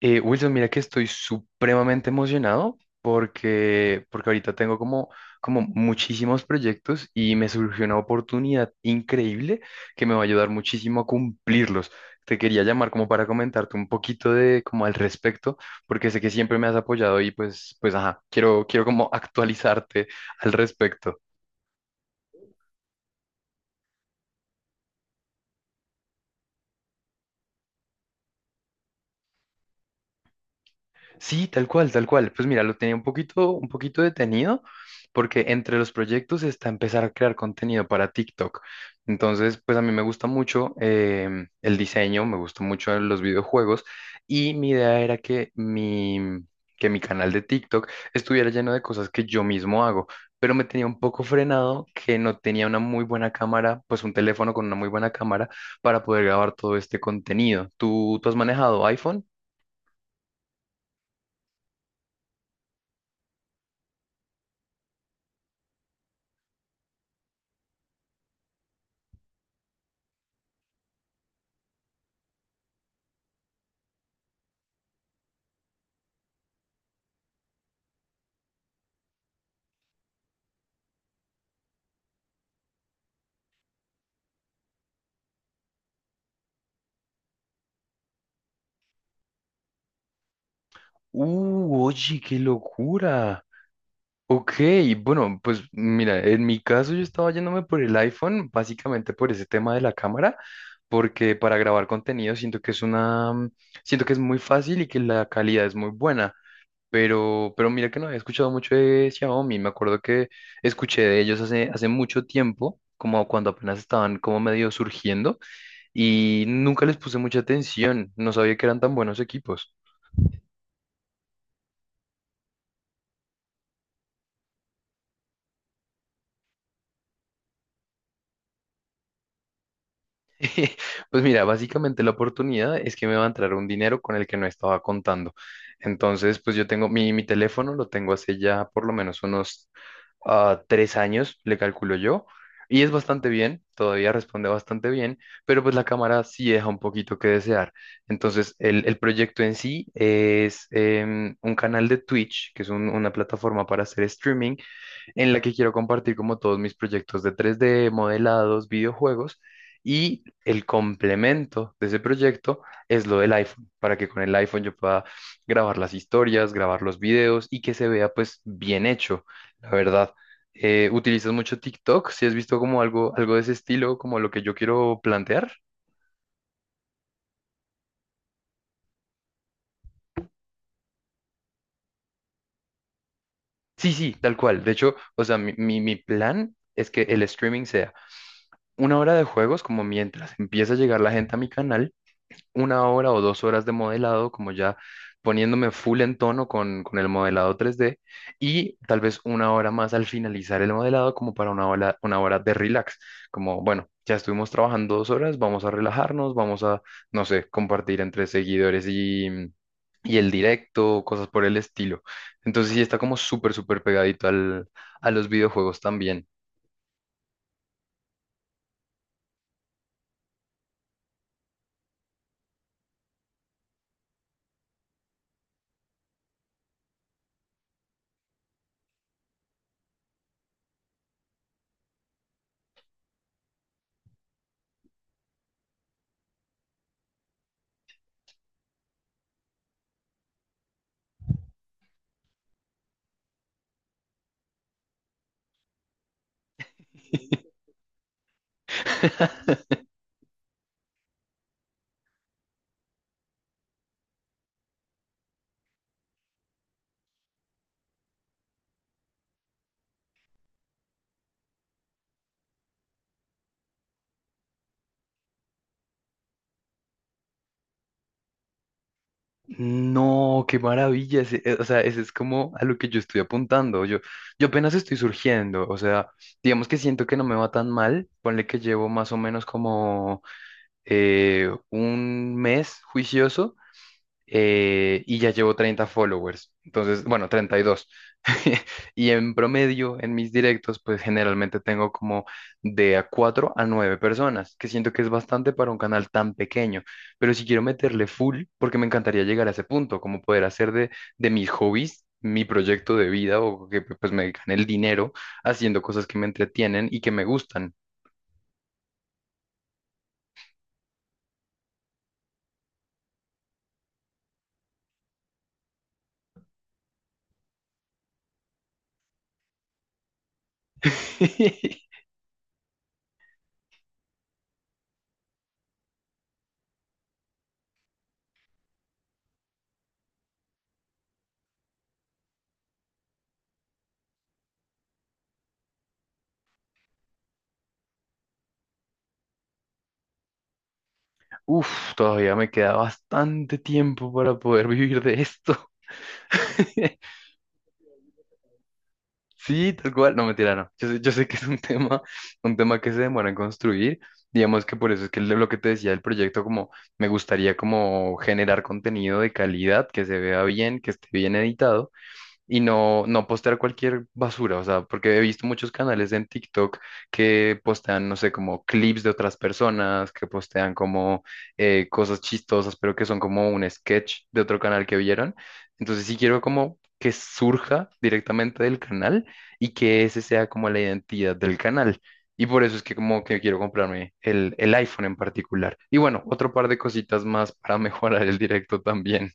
Wilson, mira que estoy supremamente emocionado porque ahorita tengo como muchísimos proyectos y me surgió una oportunidad increíble que me va a ayudar muchísimo a cumplirlos. Te quería llamar como para comentarte un poquito de como al respecto, porque sé que siempre me has apoyado y pues ajá, quiero como actualizarte al respecto. Sí, tal cual, tal cual. Pues mira, lo tenía un poquito detenido porque entre los proyectos está empezar a crear contenido para TikTok. Entonces, pues a mí me gusta mucho el diseño, me gusta mucho los videojuegos y mi idea era que mi canal de TikTok estuviera lleno de cosas que yo mismo hago, pero me tenía un poco frenado que no tenía una muy buena cámara, pues un teléfono con una muy buena cámara para poder grabar todo este contenido. ¿Tú has manejado iPhone? Oye, qué locura. Ok, bueno, pues mira, en mi caso yo estaba yéndome por el iPhone, básicamente por ese tema de la cámara, porque para grabar contenido siento que es una, siento que es muy fácil y que la calidad es muy buena. Pero mira que no había escuchado mucho de Xiaomi. Me acuerdo que escuché de ellos hace mucho tiempo, como cuando apenas estaban como medio surgiendo, y nunca les puse mucha atención. No sabía que eran tan buenos equipos. Pues mira, básicamente la oportunidad es que me va a entrar un dinero con el que no estaba contando. Entonces, pues yo tengo mi teléfono, lo tengo hace ya por lo menos unos tres años, le calculo yo, y es bastante bien, todavía responde bastante bien, pero pues la cámara sí deja un poquito que desear. Entonces, el proyecto en sí es un canal de Twitch, que es una plataforma para hacer streaming, en la que quiero compartir como todos mis proyectos de 3D, modelados, videojuegos. Y el complemento de ese proyecto es lo del iPhone, para que con el iPhone yo pueda grabar las historias, grabar los videos y que se vea pues bien hecho, la verdad. ¿Utilizas mucho TikTok? Si has visto como algo de ese estilo, como lo que yo quiero plantear. Sí, sí, tal cual. De hecho, o sea, mi plan es que el streaming sea una hora de juegos, como mientras empieza a llegar la gente a mi canal, una hora o dos horas de modelado, como ya poniéndome full en tono con el modelado 3D, y tal vez una hora más al finalizar el modelado, como para una hora de relax, como, bueno, ya estuvimos trabajando dos horas, vamos a relajarnos, vamos a, no sé, compartir entre seguidores y... Y el directo, cosas por el estilo. Entonces sí está como súper pegadito a los videojuegos también. No, qué maravilla. O sea, ese es como a lo que yo estoy apuntando. Yo apenas estoy surgiendo. O sea, digamos que siento que no me va tan mal. Ponle que llevo más o menos como un mes juicioso, y ya llevo 30 followers, entonces, bueno, 32. Y dos. Y en promedio, en mis directos, pues generalmente tengo como de a 4 a 9 personas, que siento que es bastante para un canal tan pequeño, pero si quiero meterle full, porque me encantaría llegar a ese punto, como poder hacer de mis hobbies. Mi proyecto de vida o que pues me gane el dinero haciendo cosas que me entretienen y que me gustan. Uf, todavía me queda bastante tiempo para poder vivir de esto. Sí, tal cual. No, mentira, no. Yo sé que es un tema, un tema que se demora en construir. Digamos que por eso es que lo que te decía del proyecto, como me gustaría como generar contenido de calidad, que se vea bien, que esté bien editado y no postear cualquier basura, o sea, porque he visto muchos canales en TikTok que postean, no sé, como clips de otras personas, que postean como cosas chistosas, pero que son como un sketch de otro canal que vieron. Entonces sí quiero como que surja directamente del canal y que ese sea como la identidad del canal. Y por eso es que como que quiero comprarme el iPhone en particular. Y bueno, otro par de cositas más para mejorar el directo también.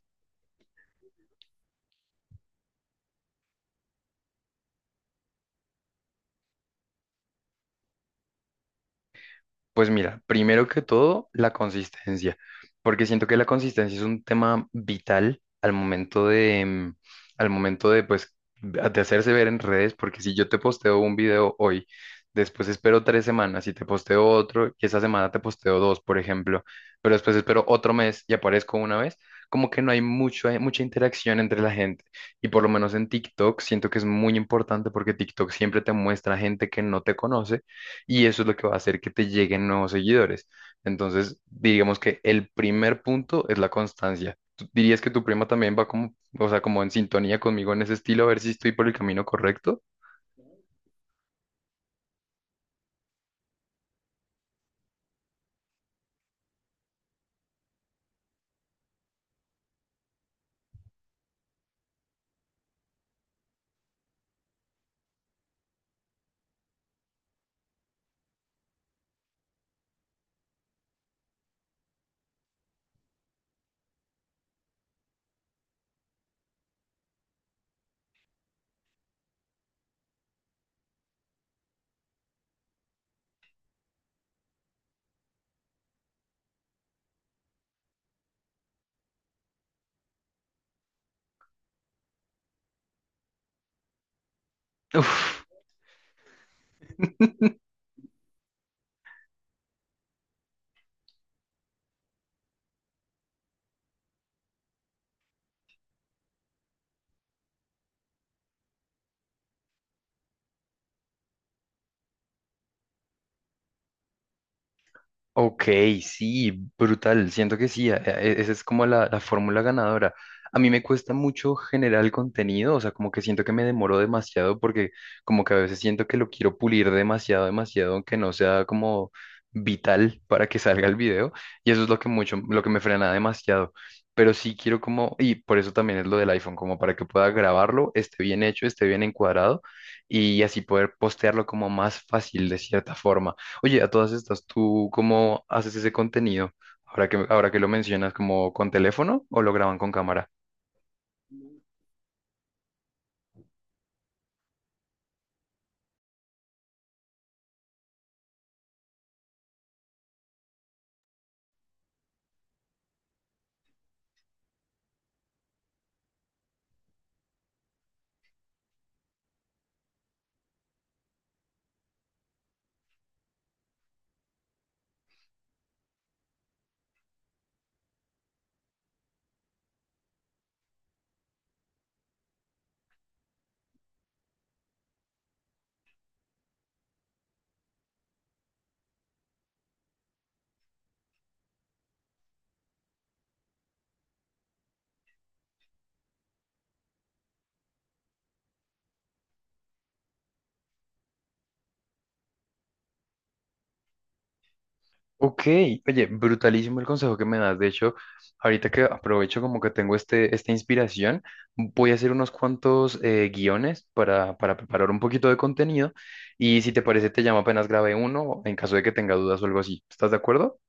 Pues mira, primero que todo, la consistencia, porque siento que la consistencia es un tema vital al momento de, al momento de, pues, de hacerse ver en redes, porque si yo te posteo un video hoy, después espero tres semanas y te posteo otro, y esa semana te posteo dos, por ejemplo, pero después espero otro mes y aparezco una vez, como que no hay mucho, hay mucha interacción entre la gente, y por lo menos en TikTok siento que es muy importante porque TikTok siempre te muestra gente que no te conoce y eso es lo que va a hacer que te lleguen nuevos seguidores. Entonces, digamos que el primer punto es la constancia. ¿Tú dirías que tu prima también va como, o sea, como en sintonía conmigo en ese estilo, a ver si estoy por el camino correcto? Uf. Ok, sí, brutal. Siento que sí, esa es como la fórmula ganadora. A mí me cuesta mucho generar el contenido, o sea, como que siento que me demoro demasiado porque como que a veces siento que lo quiero pulir demasiado, demasiado, aunque no sea como vital para que salga el video. Y eso es lo que me frena demasiado. Pero sí quiero como, y por eso también es lo del iPhone, como para que pueda grabarlo, esté bien hecho, esté bien encuadrado y así poder postearlo como más fácil de cierta forma. Oye, a todas estas, ¿tú cómo haces ese contenido? Ahora que lo mencionas, ¿como con teléfono o lo graban con cámara? Ok, oye, brutalísimo el consejo que me das. De hecho, ahorita que aprovecho como que tengo esta inspiración, voy a hacer unos cuantos guiones para preparar un poquito de contenido y si te parece te llamo apenas grabe uno en caso de que tenga dudas o algo así. ¿Estás de acuerdo?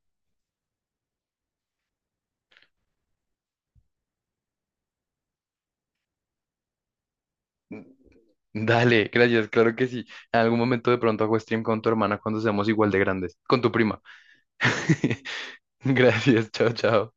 Dale, gracias, claro que sí. En algún momento de pronto hago stream con tu hermana cuando seamos igual de grandes, con tu prima. Gracias, chao, chao.